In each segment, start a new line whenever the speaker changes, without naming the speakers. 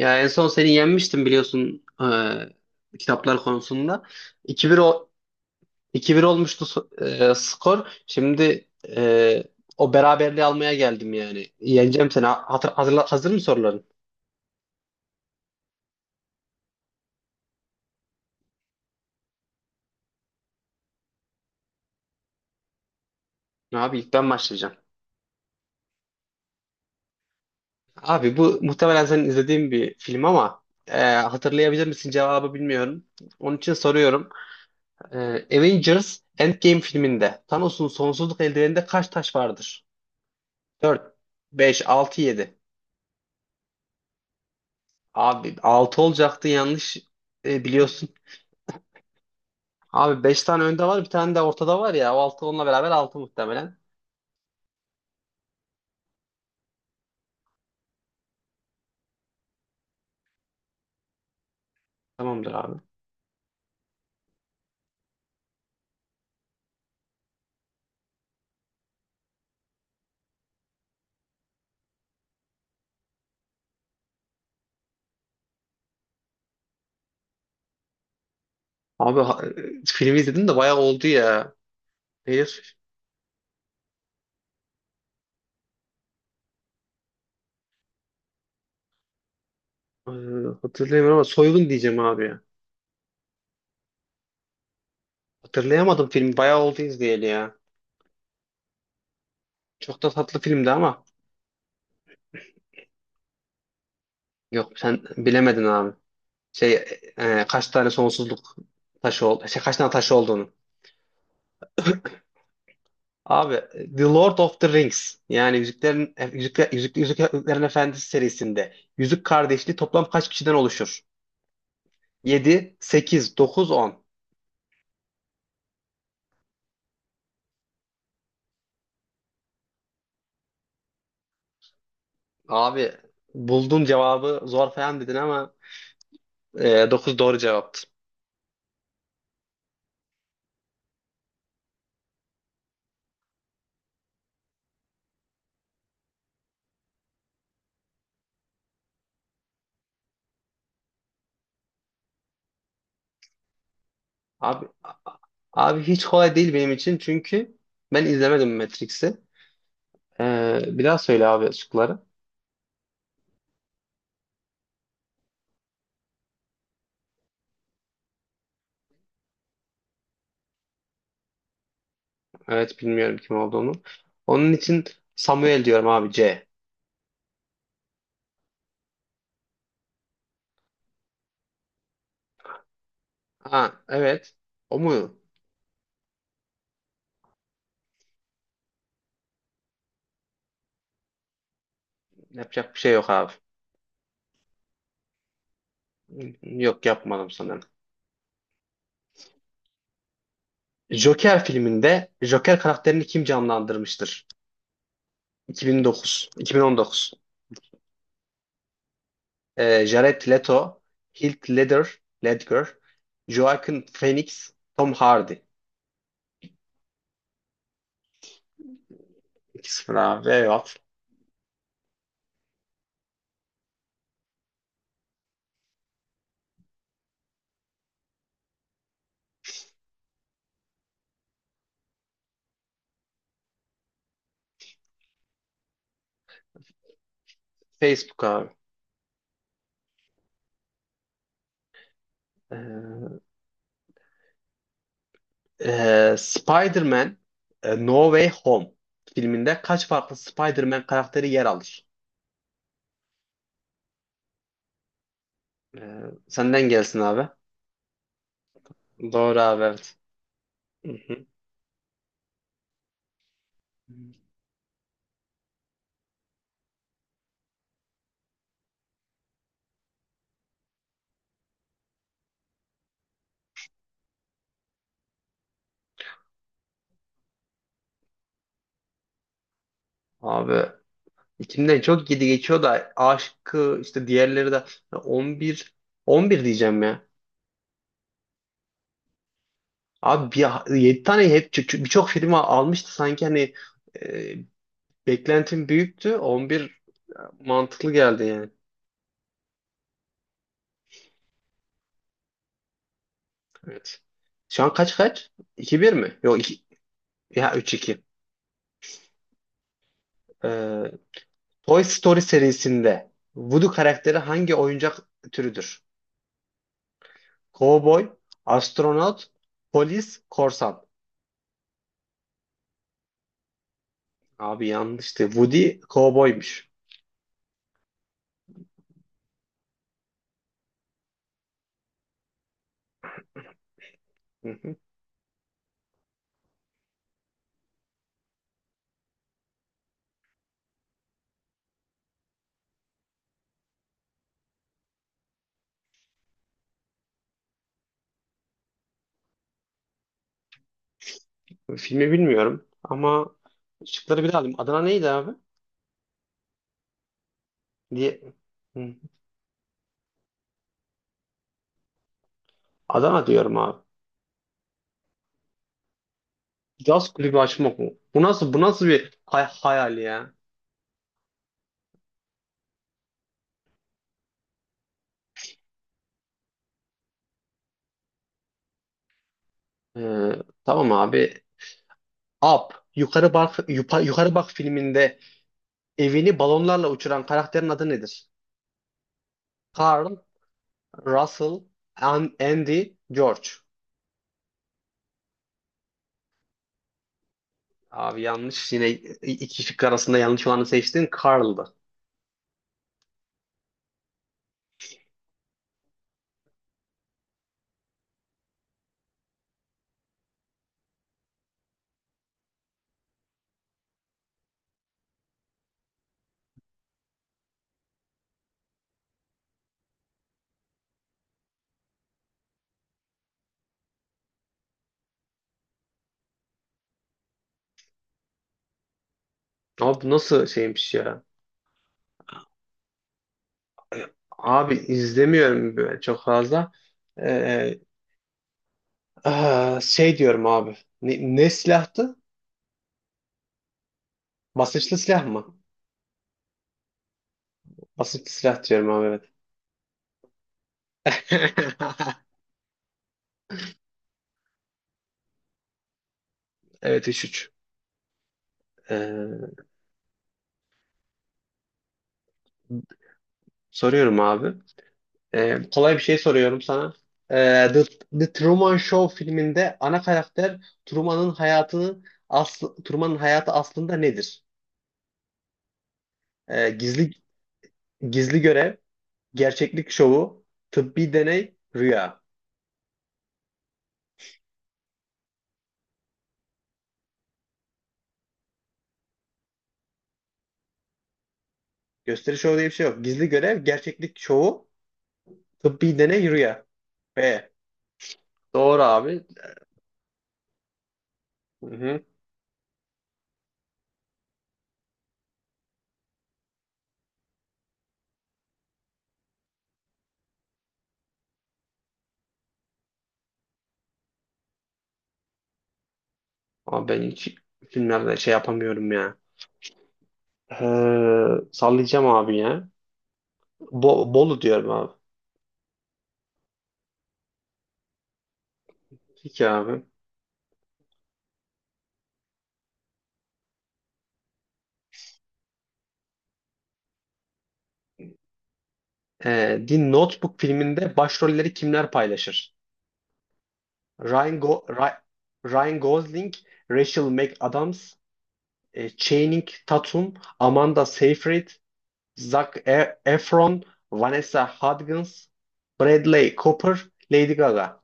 Ya en son seni yenmiştim biliyorsun kitaplar konusunda. 2-1 o- 2-1 olmuştu skor. Şimdi e, o beraberliği almaya geldim yani. Yeneceğim seni. Hazır mı soruların? Abi ilk ben başlayacağım. Abi bu muhtemelen senin izlediğin bir film ama hatırlayabilir misin cevabı bilmiyorum. Onun için soruyorum. E, Avengers Endgame filminde Thanos'un sonsuzluk eldiveninde kaç taş vardır? 4, 5, 6, 7. Abi 6 olacaktı, yanlış biliyorsun. Abi 5 tane önde var, bir tane de ortada var ya. O altı, onunla beraber 6 muhtemelen. Tamamdır abi. Abi filmi izledim de bayağı oldu ya. Neydi? E, hatırlayamıyorum ama soygun diyeceğim abi ya. Hatırlayamadım, film bayağı oldu izleyeli ya. Çok da tatlı filmdi ama. Yok, sen bilemedin abi. Şey kaç tane sonsuzluk taşı oldu. Şey, kaç tane taşı olduğunu. Abi The Lord of the Rings yani Yüzüklerin Efendisi serisinde Yüzük Kardeşliği toplam kaç kişiden oluşur? 7, 8, 9, 10. Abi buldun cevabı, zor falan dedin ama 9 doğru cevaptı. Abi a- abi hiç kolay değil benim için, çünkü ben izlemedim Matrix'i. Bir daha söyle abi şıkları. Evet, bilmiyorum kim olduğunu. Onun için Samuel diyorum abi, C. Ha, evet. O mu? Yapacak bir şey yok abi. Yok, yapmadım sanırım. Joker filminde Joker karakterini kim canlandırmıştır? 2009, 2019. Jared Leto, Heath Ledger, Ledger, Joaquin Phoenix, Tom Hardy. 2 sıfır abi. Eyvah. Facebook abi. Ee, Spider-Man No Way Home filminde kaç farklı Spider-Man karakteri yer alır? Ee, senden gelsin abi. Doğru abi, evet. Hı hı. Abi İçimden çok gidi geçiyor da aşkı işte, diğerleri de 11 11 diyeceğim ya. Abi bir, 7 tane hep birçok film almıştı sanki, hani e, beklentim büyüktü. 11 mantıklı geldi yani. Evet. Şu an kaç kaç? 2 bir mi? Yok iki ya üç iki. Ee, Toy Story serisinde Woody karakteri hangi oyuncak türüdür? Cowboy, astronot, polis, korsan. Abi yanlıştı. Woody cowboymuş. Hı hı. Filmi bilmiyorum ama şıkları bir daha alayım. Adana neydi abi? Diye. Hı hı. Adana diyorum abi. Caz kulübü açmak mı? Bu nasıl bir hayal ya? Ee, tamam abi. Up. Yukarı bak filminde evini balonlarla uçuran karakterin adı nedir? Carl, Russell, Andy, George. Abi yanlış. Yine iki şık arasında yanlış olanı seçtin. Carl'dı. Abi bu nasıl şeymiş ya? Abi izlemiyorum böyle çok fazla. Ee, şey diyorum abi. Ne silahtı? Basınçlı silah mı? Basınçlı silah diyorum abi, evet. Evet, üç üç. Ee, soruyorum abi. Kolay bir şey soruyorum sana. Ee, The, The Truman Show filminde ana karakter Truman'ın hayatını Truman'ın hayatı aslında nedir? Ee, gizli görev, gerçeklik şovu, tıbbi deney, rüya. Gösteri şovu diye bir şey yok. Gizli görev, gerçeklik şovu, tıbbi deney, rüya. B. Doğru abi. Hı hı. Ama ben hiç filmlerde şey yapamıyorum ya. Sallayacağım abi ya. Bolu diyorum abi. Peki abi. The Notebook filminde başrolleri kimler paylaşır? Ryan, Go- Ry- Ryan Gosling, Rachel McAdams, Channing Tatum, Amanda Seyfried, Efron, Vanessa Hudgens, Bradley Cooper, Lady Gaga,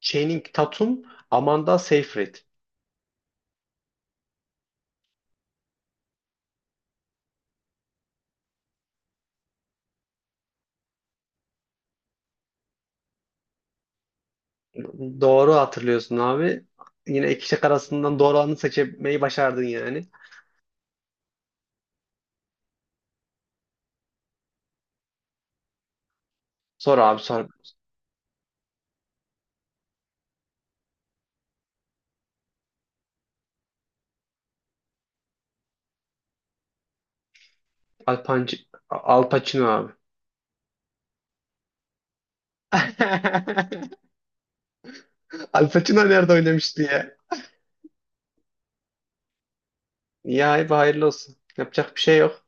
Channing Tatum, Amanda Seyfried. Doğru hatırlıyorsun abi. Yine iki şık arasından doğru olanı seçmeyi başardın yani. Sor abi, sor. Al, Panc Al Pacino abi. Al Pacino nerede oynamıştı ya? Ya abi, hayırlı olsun. Yapacak bir şey yok.